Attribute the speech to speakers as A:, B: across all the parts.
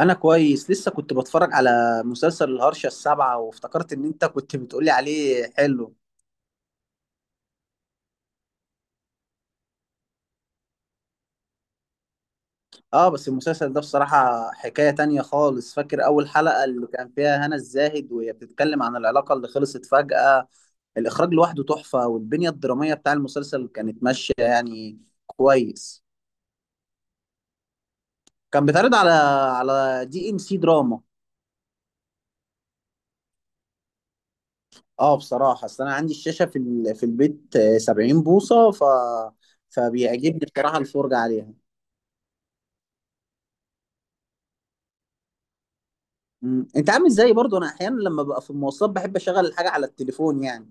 A: انا كويس. لسه كنت بتفرج على مسلسل الهرشة السابعة وافتكرت ان انت كنت بتقولي عليه حلو. اه، بس المسلسل ده بصراحة حكاية تانية خالص. فاكر اول حلقة اللي كان فيها هنا الزاهد وهي بتتكلم عن العلاقة اللي خلصت فجأة. الاخراج لوحده تحفة، والبنية الدرامية بتاع المسلسل كانت ماشية يعني. كويس. كان بيتعرض على دي ام سي دراما. اه، بصراحة اصل انا عندي الشاشة في البيت، 70 بوصة. فبيعجبني بصراحة الفرجة عليها. مم. انت عامل زيي برضو. انا احيانا لما ببقى في المواصلات بحب اشغل الحاجه على التليفون يعني.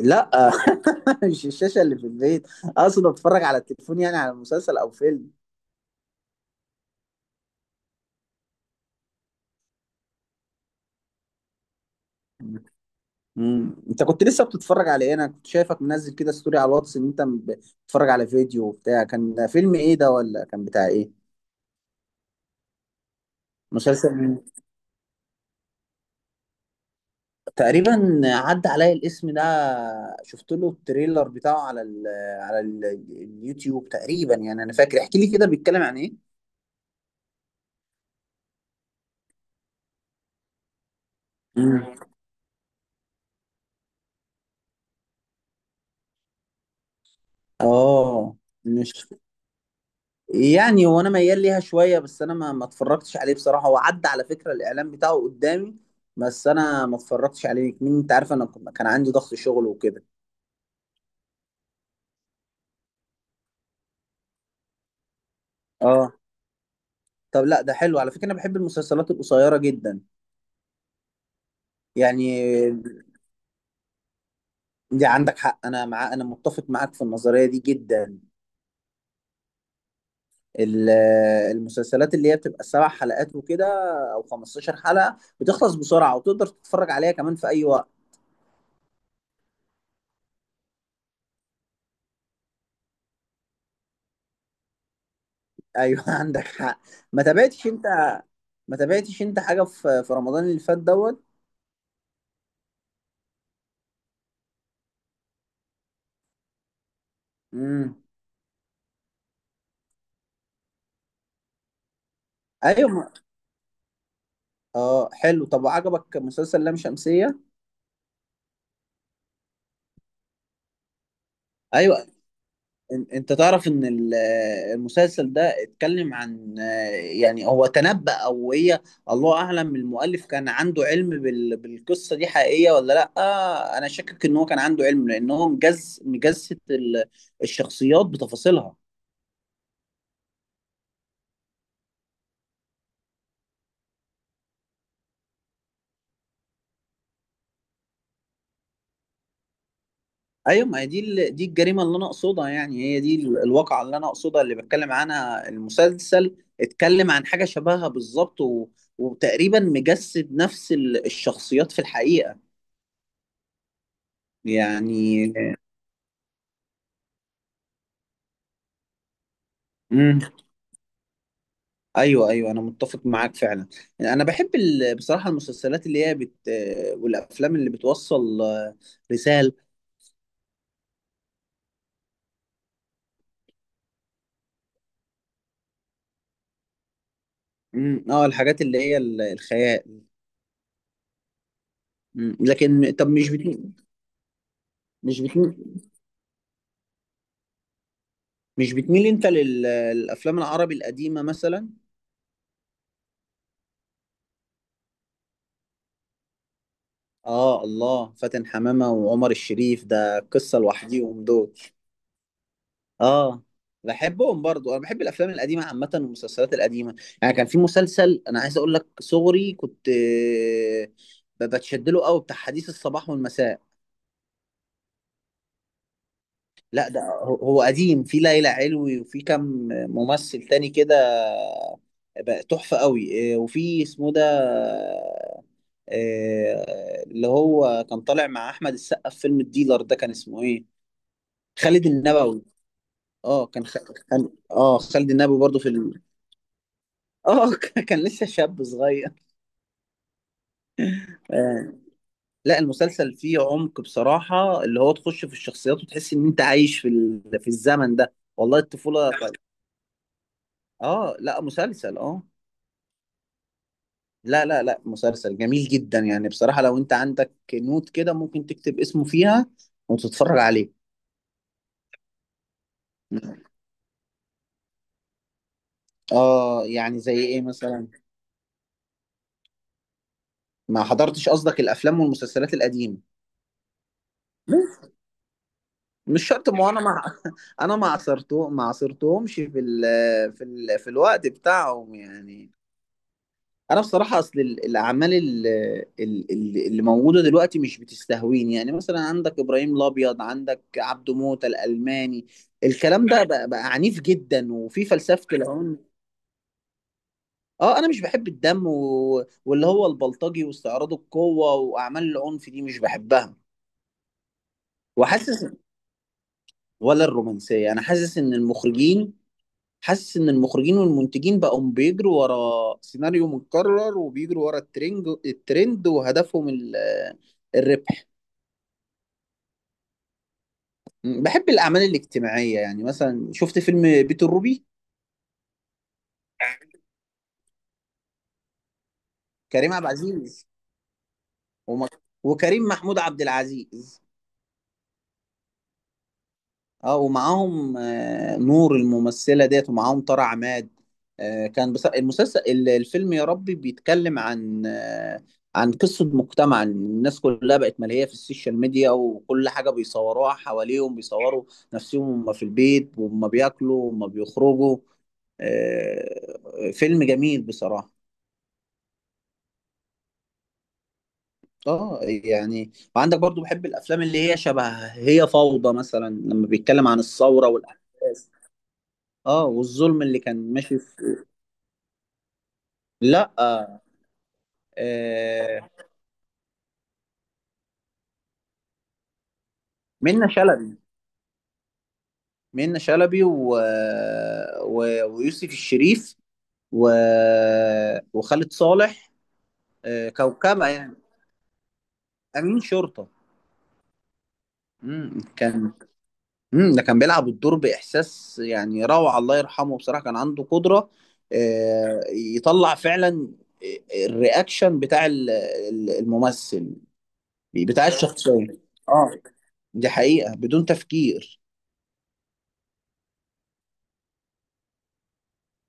A: لا، مش الشاشه اللي في البيت. اقصد اتفرج على التليفون، يعني على مسلسل او فيلم. مم. انت كنت لسه بتتفرج على ايه؟ انا كنت شايفك منزل كده ستوري على الواتس ان انت بتتفرج على فيديو وبتاع. كان فيلم ايه ده ولا كان بتاع ايه؟ مسلسل مين؟ تقريبا عدى عليا الاسم ده. شفت له التريلر بتاعه على ال على ال اليوتيوب تقريبا يعني. انا فاكر، احكي لي كده بيتكلم عن ايه. مم. اه، مش يعني هو انا ميال ليها شويه، بس انا ما اتفرجتش عليه بصراحه. هو عدى على فكره الاعلان بتاعه قدامي، بس انا ما اتفرجتش عليه. مين انت عارف، انا كان عندي ضغط شغل وكده. اه، طب لا ده حلو على فكره. انا بحب المسلسلات القصيره جدا يعني. دي عندك حق. انا مع انا متفق معاك في النظريه دي جدا. ال- المسلسلات اللي هي بتبقى 7 حلقات وكده، او 15 حلقه، بتخلص بسرعه وتقدر تتفرج عليها كمان في اي وقت. ايوه، عندك حق. ما تابعتش انت ما تابعتش انت حاجه في رمضان اللي فات دوت؟ امم. ايوه، اه، حلو. طب عجبك مسلسل لام شمسيه؟ ايوه. انت تعرف ان المسلسل ده اتكلم عن، يعني هو تنبأ، او هي الله اعلم. المؤلف كان عنده علم بالقصه دي حقيقيه ولا لا؟ انا شاكك ان هو كان عنده علم، لان هو مجسد الشخصيات بتفاصيلها. ايوه، ما هي دي دي الجريمه اللي انا اقصدها. يعني هي دي الواقعه اللي انا اقصدها اللي بتكلم عنها المسلسل. اتكلم عن حاجه شبهها بالظبط وتقريبا مجسد نفس الشخصيات في الحقيقه يعني. امم. ايوه ايوه، انا متفق معاك فعلا. انا بحب بصراحه المسلسلات اللي هي والافلام اللي بتوصل رساله. امم، اه، الحاجات اللي هي الخيال. مم. لكن طب مش بت... مش بتميل انت للافلام العربي القديمه مثلا؟ اه، الله، فاتن حمامة وعمر الشريف ده قصة لوحديهم دول. اه، بحبهم برضو. انا بحب الافلام القديمة عامة والمسلسلات القديمة. يعني كان في مسلسل انا عايز اقول لك، صغري كنت بتشد له قوي، بتاع حديث الصباح والمساء. لا، ده هو قديم. في ليلى علوي وفي كم ممثل تاني كده. بقى تحفة قوي. وفي اسمه ده، اللي هو كان طالع مع احمد السقا في فيلم الديلر. ده كان اسمه ايه؟ خالد النبوي. اه، كان خالد النبوي برضو. اه، كان لسه شاب صغير. آه. لا، المسلسل فيه عمق بصراحة، اللي هو تخش في الشخصيات وتحس ان انت عايش في الزمن ده، والله الطفولة. اه، لا مسلسل، اه. لا لا لا، مسلسل جميل جدا يعني بصراحة. لو انت عندك نوت كده ممكن تكتب اسمه فيها وتتفرج عليه. اه، يعني زي ايه مثلا؟ ما حضرتش قصدك الافلام والمسلسلات القديمة. مش شرط، ما هو انا مع. انا ما عصرتهمش في الوقت بتاعهم يعني. انا بصراحه اصل الاعمال اللي موجوده دلوقتي مش بتستهويني. يعني مثلا عندك ابراهيم الابيض، عندك عبده موته الالماني. الكلام ده بقى عنيف جدا، وفي فلسفه العنف. اه، انا مش بحب الدم واللي هو البلطجي واستعراض القوه واعمال العنف دي مش بحبها. وحاسس ولا الرومانسيه. انا حاسس ان المخرجين. حاسس ان المخرجين والمنتجين بقوا بيجروا ورا سيناريو متكرر، وبيجروا ورا الترند، وهدفهم الربح. بحب الاعمال الاجتماعيه. يعني مثلا شفت فيلم بيت الروبي. كريم عبد العزيز وم- وكريم محمود عبد العزيز. اه، ومعاهم نور الممثلة ديت، ومعاهم طارق عماد. كان بس المسلسل الفيلم يا ربي بيتكلم عن، عن قصة مجتمع، إن الناس كلها بقت ملهية في السوشيال ميديا، وكل حاجة بيصوروها حواليهم، بيصوروا نفسهم وهم في البيت وهم بياكلوا وهم بيخرجوا. فيلم جميل بصراحة. اه، يعني وعندك برضو، بحب الافلام اللي هي شبه هي فوضى مثلا، لما بيتكلم عن الثورة والاحداث، اه، والظلم اللي كان ماشي في. لا، آه، منة شلبي. منة شلبي و... ويوسف الشريف و... وخالد صالح. آه، كوكبة يعني. أمين شرطة. مم. كان. مم. ده كان بيلعب الدور بإحساس، يعني روعة. الله يرحمه، بصراحة كان عنده قدرة يطلع فعلا الرياكشن بتاع الممثل، بتاع الشخصية. اه، دي حقيقة بدون تفكير.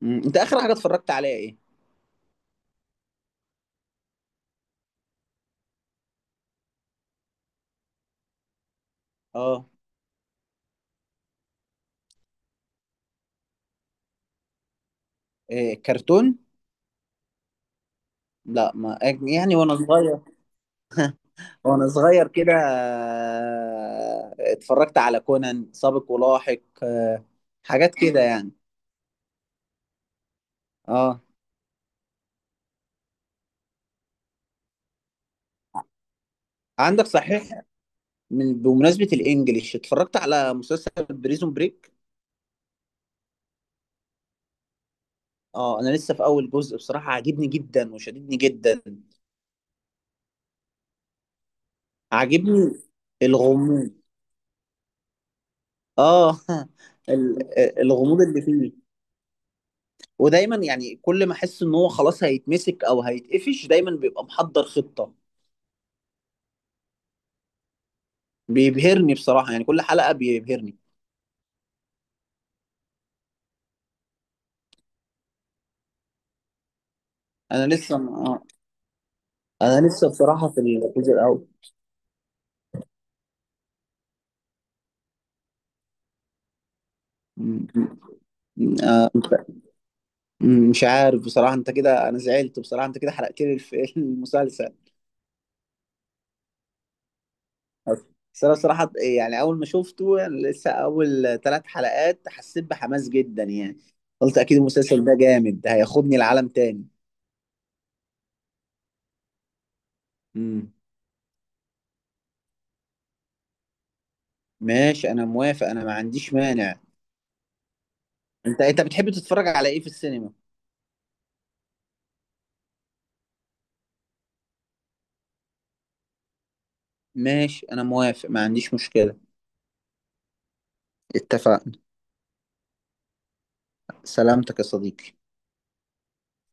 A: مم. انت اخر حاجه اتفرجت عليها ايه؟ اه. إيه كرتون؟ لا، ما، يعني وانا صغير. وانا صغير كده، اتفرجت على كونان سابق ولاحق، حاجات كده يعني. اه، عندك صحيح. بمناسبه الانجليش اتفرجت على مسلسل بريزون بريك. اه، انا لسه في اول جزء بصراحه، عاجبني جدا وشددني جدا. عاجبني الغموض. اه، الغموض اللي فيه. ودايما يعني كل ما احس ان هو خلاص هيتمسك او هيتقفش، دايما بيبقى محضر خطة. بيبهرني بصراحة، يعني كل حلقة بيبهرني. انا لسه ما... انا لسه بصراحة في الجزء الاول. م- م- آه، مش عارف بصراحة. انت كده انا زعلت بصراحة، انت كده حرقت لي المسلسل. بس انا بصراحة، يعني اول ما شفته، يعني لسه اول 3 حلقات، حسيت بحماس جدا يعني. قلت اكيد المسلسل ده جامد، ده هياخدني لعالم تاني. مم. ماشي انا موافق، انا ما عنديش مانع. انت بتحب تتفرج على ايه في السينما؟ ماشي انا موافق، ما عنديش مشكلة. اتفقنا. سلامتك يا صديقي.